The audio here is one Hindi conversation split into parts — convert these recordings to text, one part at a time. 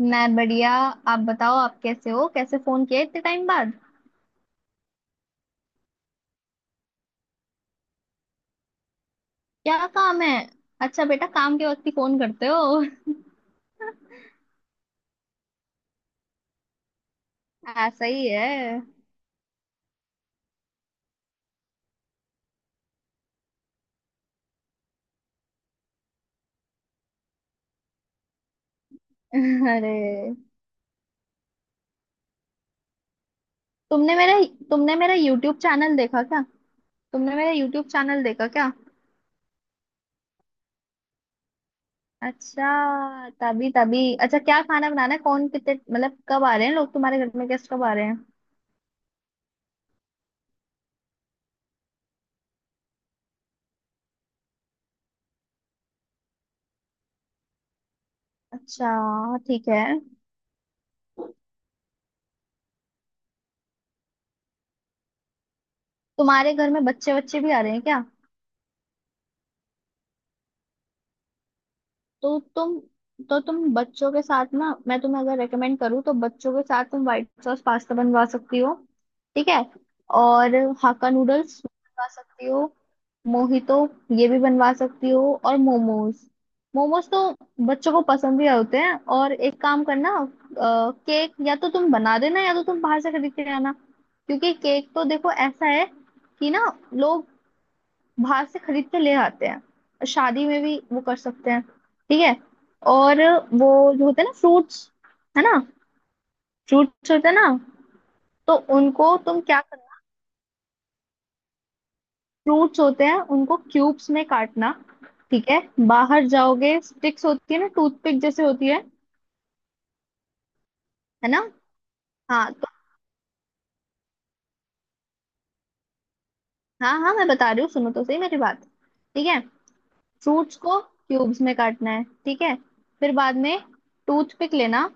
मैं बढ़िया। आप बताओ आप कैसे हो कैसे फोन किया इतने टाइम बाद। क्या काम है। अच्छा बेटा काम के वक्त ही फोन करते हो। ऐसा ही है। अरे तुमने मेरा तुमने मेरा यूट्यूब चैनल देखा क्या। तुमने मेरा यूट्यूब चैनल देखा क्या। अच्छा तभी तभी अच्छा क्या खाना बनाना है कौन कितने मतलब कब आ रहे हैं लोग तुम्हारे घर में गेस्ट कब आ रहे हैं। अच्छा ठीक है। तुम्हारे घर में बच्चे बच्चे भी आ रहे हैं क्या। तो तुम तो तुम बच्चों के साथ ना मैं तुम्हें अगर रेकमेंड करूँ तो बच्चों के साथ तुम व्हाइट सॉस पास्ता बनवा सकती हो। ठीक है। और हाक्का नूडल्स बनवा सकती हो। मोहितो ये भी बनवा सकती हो और मोमोज। मोमोज तो बच्चों को पसंद भी होते हैं। और एक काम करना। केक या तो तुम बना देना या तो तुम बाहर से खरीद के आना। क्योंकि केक तो देखो ऐसा है कि ना लोग बाहर से खरीद के ले आते हैं शादी में भी वो कर सकते हैं। ठीक है। और वो जो होते हैं ना फ्रूट्स है ना फ्रूट्स होते हैं ना। तो उनको तुम क्या करना, फ्रूट्स होते हैं उनको क्यूब्स में काटना। ठीक है। बाहर जाओगे स्टिक्स होती है ना, टूथपिक जैसे होती है ना। हाँ तो हाँ हाँ मैं बता रही हूँ सुनो तो सही मेरी बात। ठीक है। फ्रूट्स को क्यूब्स में काटना है, ठीक है, फिर बाद में टूथपिक लेना।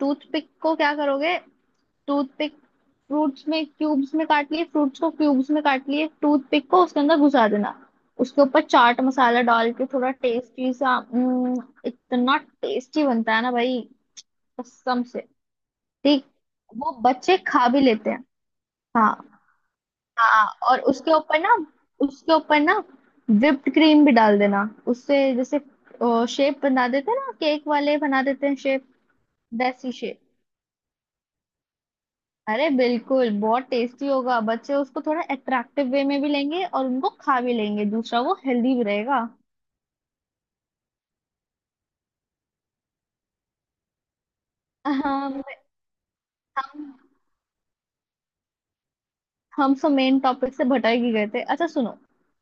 टूथपिक को क्या करोगे, टूथपिक, फ्रूट्स में क्यूब्स में काट लिए, फ्रूट्स को क्यूब्स में काट लिए, टूथपिक को उसके अंदर घुसा देना। उसके ऊपर चाट मसाला डाल के थोड़ा टेस्टी सा इतना टेस्टी बनता है ना भाई। कसम से। ठीक। वो बच्चे खा भी लेते हैं। हाँ। हाँ। और उसके ऊपर ना whipped क्रीम भी डाल देना। उससे जैसे शेप बना देते हैं ना, केक वाले बना देते हैं शेप। वैसी शेप। अरे बिल्कुल बहुत टेस्टी होगा, बच्चे उसको थोड़ा अट्रैक्टिव वे में भी लेंगे और उनको खा भी लेंगे, दूसरा वो हेल्दी भी रहेगा। हम हम हम सब मेन टॉपिक से भटक ही गए थे। अच्छा सुनो।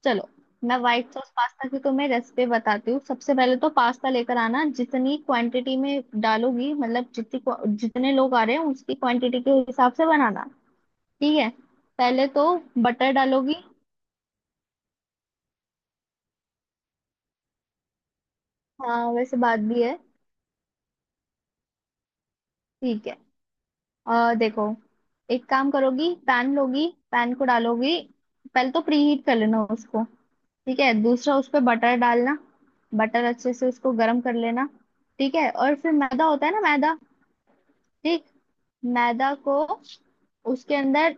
चलो, मैं व्हाइट सॉस पास्ता की तुम्हें रेसिपी बताती हूँ। सबसे पहले तो पास्ता लेकर आना, जितनी क्वांटिटी में डालोगी मतलब जितनी जितने लोग आ रहे हैं उसकी क्वांटिटी के हिसाब से बनाना। ठीक है। पहले तो बटर डालोगी। हाँ वैसे बात भी है। ठीक है। देखो। एक काम करोगी, पैन लोगी, पैन को डालोगी। पहले तो प्रीहीट कर लेना उसको। ठीक है, दूसरा उस पे बटर डालना। बटर अच्छे से उसको गर्म कर लेना। ठीक है, और फिर मैदा होता है ना मैदा। ठीक। मैदा को उसके अंदर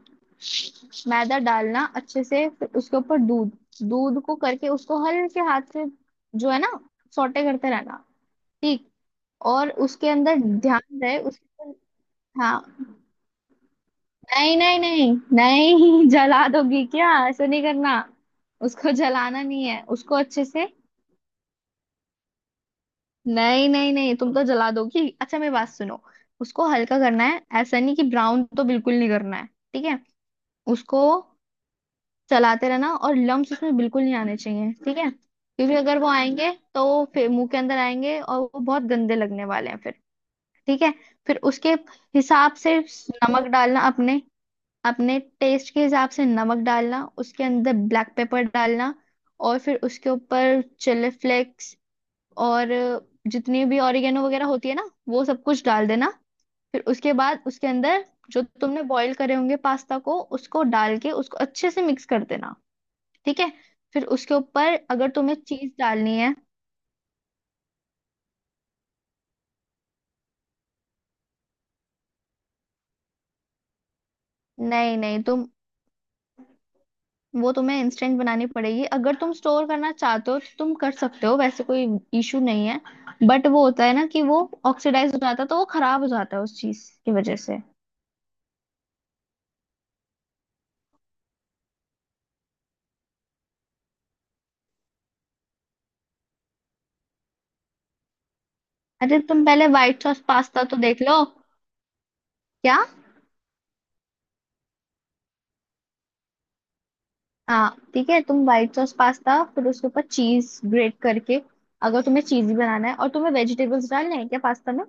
मैदा डालना अच्छे से, फिर उसके ऊपर दूध। दूध को करके उसको हल्के हाथ से, जो है ना, सौटे करते रहना। ठीक। और उसके अंदर ध्यान रहे उसके। हाँ। नहीं नहीं नहीं नहीं जला दोगी क्या, ऐसा नहीं करना। उसको जलाना नहीं है, उसको अच्छे से। नहीं नहीं नहीं तुम तो जला दोगी, अच्छा मेरी बात सुनो। उसको हल्का करना है, ऐसा नहीं कि ब्राउन, तो बिल्कुल नहीं करना है। ठीक है। उसको चलाते रहना, और लम्स उसमें बिल्कुल नहीं आने चाहिए, ठीक है, क्योंकि अगर वो आएंगे तो वो फिर मुंह के अंदर आएंगे और वो बहुत गंदे लगने वाले हैं फिर। ठीक है। फिर उसके हिसाब से नमक डालना, अपने अपने टेस्ट के हिसाब से नमक डालना, उसके अंदर ब्लैक पेपर डालना। और फिर उसके ऊपर चिली फ्लेक्स, और जितनी भी ऑरिगेनो वगैरह होती है ना वो सब कुछ डाल देना। फिर उसके बाद उसके अंदर जो तुमने बॉईल करे होंगे पास्ता को, उसको डाल के उसको अच्छे से मिक्स कर देना। ठीक है। फिर उसके ऊपर अगर तुम्हें चीज डालनी है। नहीं नहीं, तुम, वो तुम्हें इंस्टेंट बनानी पड़ेगी, अगर तुम स्टोर करना चाहते हो तो तुम कर सकते हो, वैसे कोई इशू नहीं है। बट वो होता है ना कि वो ऑक्सीडाइज हो जाता है, तो वो खराब हो जाता है उस चीज की वजह से। अरे तुम पहले व्हाइट सॉस पास्ता तो देख लो। क्या। हाँ ठीक है, तुम व्हाइट सॉस पास्ता फिर उसके ऊपर चीज ग्रेट करके, अगर तुम्हें चीजी बनाना है, और तुम्हें वेजिटेबल्स डालने हैं क्या पास्ता में।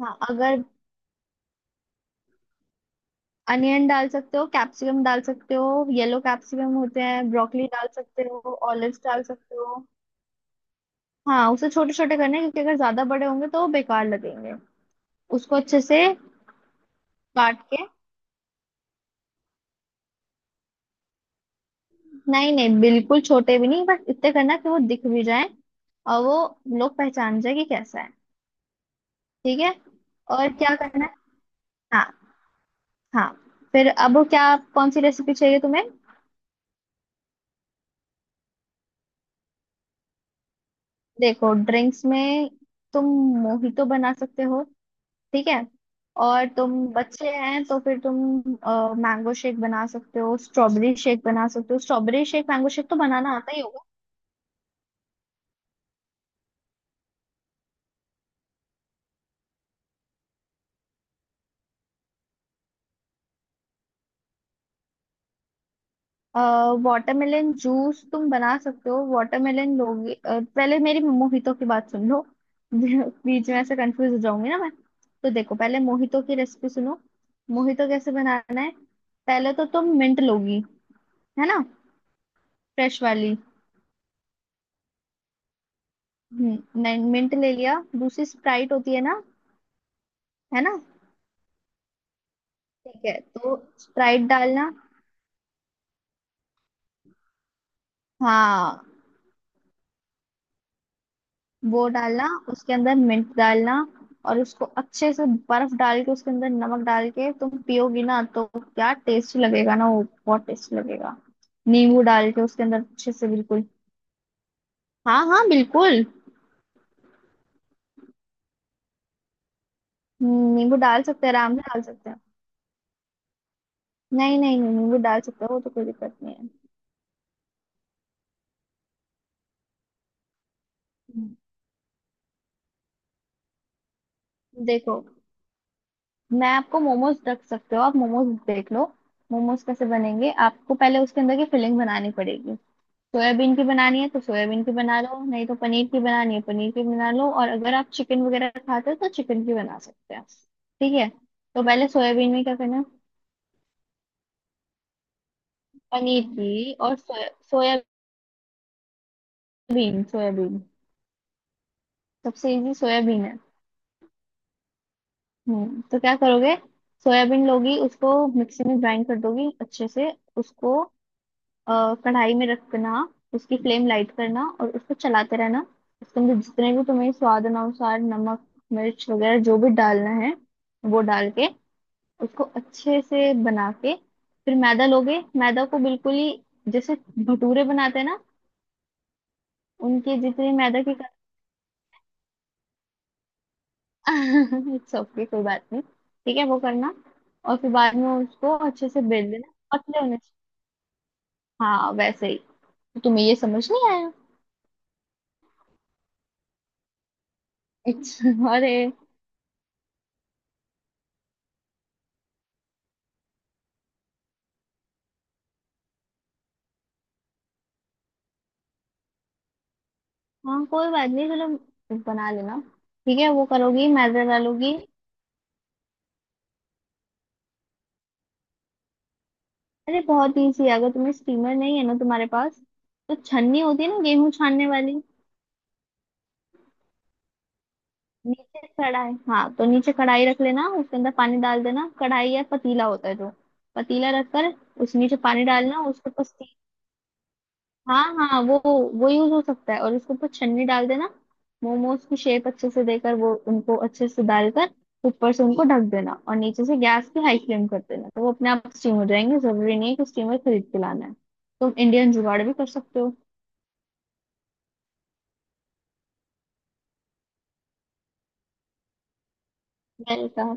हाँ अगर, अनियन डाल सकते हो, कैप्सिकम डाल सकते हो, येलो कैप्सिकम होते हैं, ब्रोकली डाल सकते हो। ऑलिव्स डाल सकते हो। हाँ उसे छोटे छोटे करने हैं, क्योंकि अगर ज्यादा बड़े होंगे तो वो बेकार लगेंगे। उसको अच्छे से काट के। नहीं नहीं बिल्कुल छोटे भी नहीं, बस इतने करना कि वो दिख भी जाए और वो लोग पहचान जाए कि कैसा है। ठीक है, और क्या करना है। हाँ। हाँ। फिर अब वो क्या, कौन सी रेसिपी चाहिए तुम्हें। देखो ड्रिंक्स में तुम मोहितो बना सकते हो। ठीक है। और तुम बच्चे हैं तो फिर तुम मैंगो शेक बना सकते हो, स्ट्रॉबेरी शेक बना सकते हो, स्ट्रॉबेरी शेक मैंगो शेक तो बनाना आता ही होगा। वाटरमेलन जूस तुम बना सकते हो, वाटरमेलन लोगे पहले मेरी मोहितो की बात सुन लो। बीच में ऐसे कंफ्यूज हो जाऊंगी ना मैं। तो देखो पहले मोहितो की रेसिपी सुनो। मोहितो कैसे बनाना है। पहले तो तुम मिंट लोगी, है ना। फ्रेश वाली। नहीं मिंट ले लिया, दूसरी स्प्राइट होती है ना, है ना। ठीक है, तो स्प्राइट डालना। हाँ, वो डालना, उसके अंदर मिंट डालना। और उसको अच्छे से बर्फ डाल के, उसके अंदर नमक डाल के तुम पियोगी ना, तो क्या टेस्ट लगेगा ना, वो बहुत टेस्ट लगेगा। नींबू डाल के उसके अंदर अच्छे से, बिल्कुल। हाँ हाँ बिल्कुल। नींबू डाल सकते हैं, आराम से डाल सकते हैं। नहीं नहीं नहीं, नींबू डाल सकते हो, वो तो कोई दिक्कत नहीं है। हम्म। देखो, मैं आपको मोमोज रख सकते हो, आप मोमोज देख लो। मोमोज कैसे बनेंगे, आपको पहले उसके अंदर की फिलिंग बनानी पड़ेगी। सोयाबीन की बनानी है तो सोयाबीन की बना लो, नहीं तो पनीर की बनानी है पनीर की बना लो, और अगर आप चिकन वगैरह खाते हो तो चिकन की बना सकते हैं, ठीक है। तो पहले सोयाबीन में क्या करना है, पनीर की और सोया, सोयाबीन सोयाबीन, सबसे इजी सोयाबीन है। तो क्या करोगे। सोयाबीन लोगी, उसको मिक्सी में ग्राइंड कर दोगी अच्छे से, उसको कढ़ाई में रखना। उसकी फ्लेम लाइट करना और उसको चलाते रहना। उसके अंदर जितने भी तुम्हें स्वाद अनुसार नमक मिर्च वगैरह जो भी डालना है वो डाल के उसको अच्छे से बना के, फिर मैदा लोगे, मैदा को बिल्कुल ही जैसे भटूरे बनाते हैं ना, उनके जितने मैदा के, इट्स ओके कोई बात नहीं। ठीक है, वो करना। और फिर बाद में उसको अच्छे से बेल देना पतले होने से- हाँ वैसे ही। तो तुम्हें ये समझ नहीं आया। इट्स, अरे हाँ कोई बात नहीं, चलो बना लेना। ठीक है, वो करोगी मैदा डालोगी। अरे बहुत इजी है, अगर तुम्हें स्टीमर नहीं है ना तुम्हारे पास, तो छन्नी होती है ना गेहूं छानने वाली। नीचे कढ़ाई, हाँ तो नीचे कढ़ाई रख लेना, उसके अंदर पानी डाल देना, कढ़ाई या पतीला होता है जो, पतीला रखकर उस नीचे पानी डालना, उसके ऊपर, हाँ हाँ, वो यूज हो सकता है, और उसके ऊपर छन्नी डाल देना। मोमोज की शेप अच्छे से देकर, वो उनको अच्छे से डालकर ऊपर से उनको ढक देना, और नीचे से गैस की हाई फ्लेम कर देना, तो वो अपने आप स्टीम हो जाएंगे, जरूरी नहीं है कि स्टीमर खरीद के लाना है। तुम इंडियन जुगाड़ भी कर सकते हो। मैंने कहा।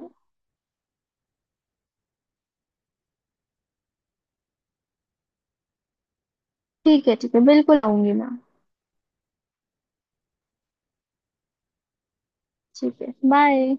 ठीक है ठीक है, बिल्कुल आऊंगी मैं। ठीक है बाय।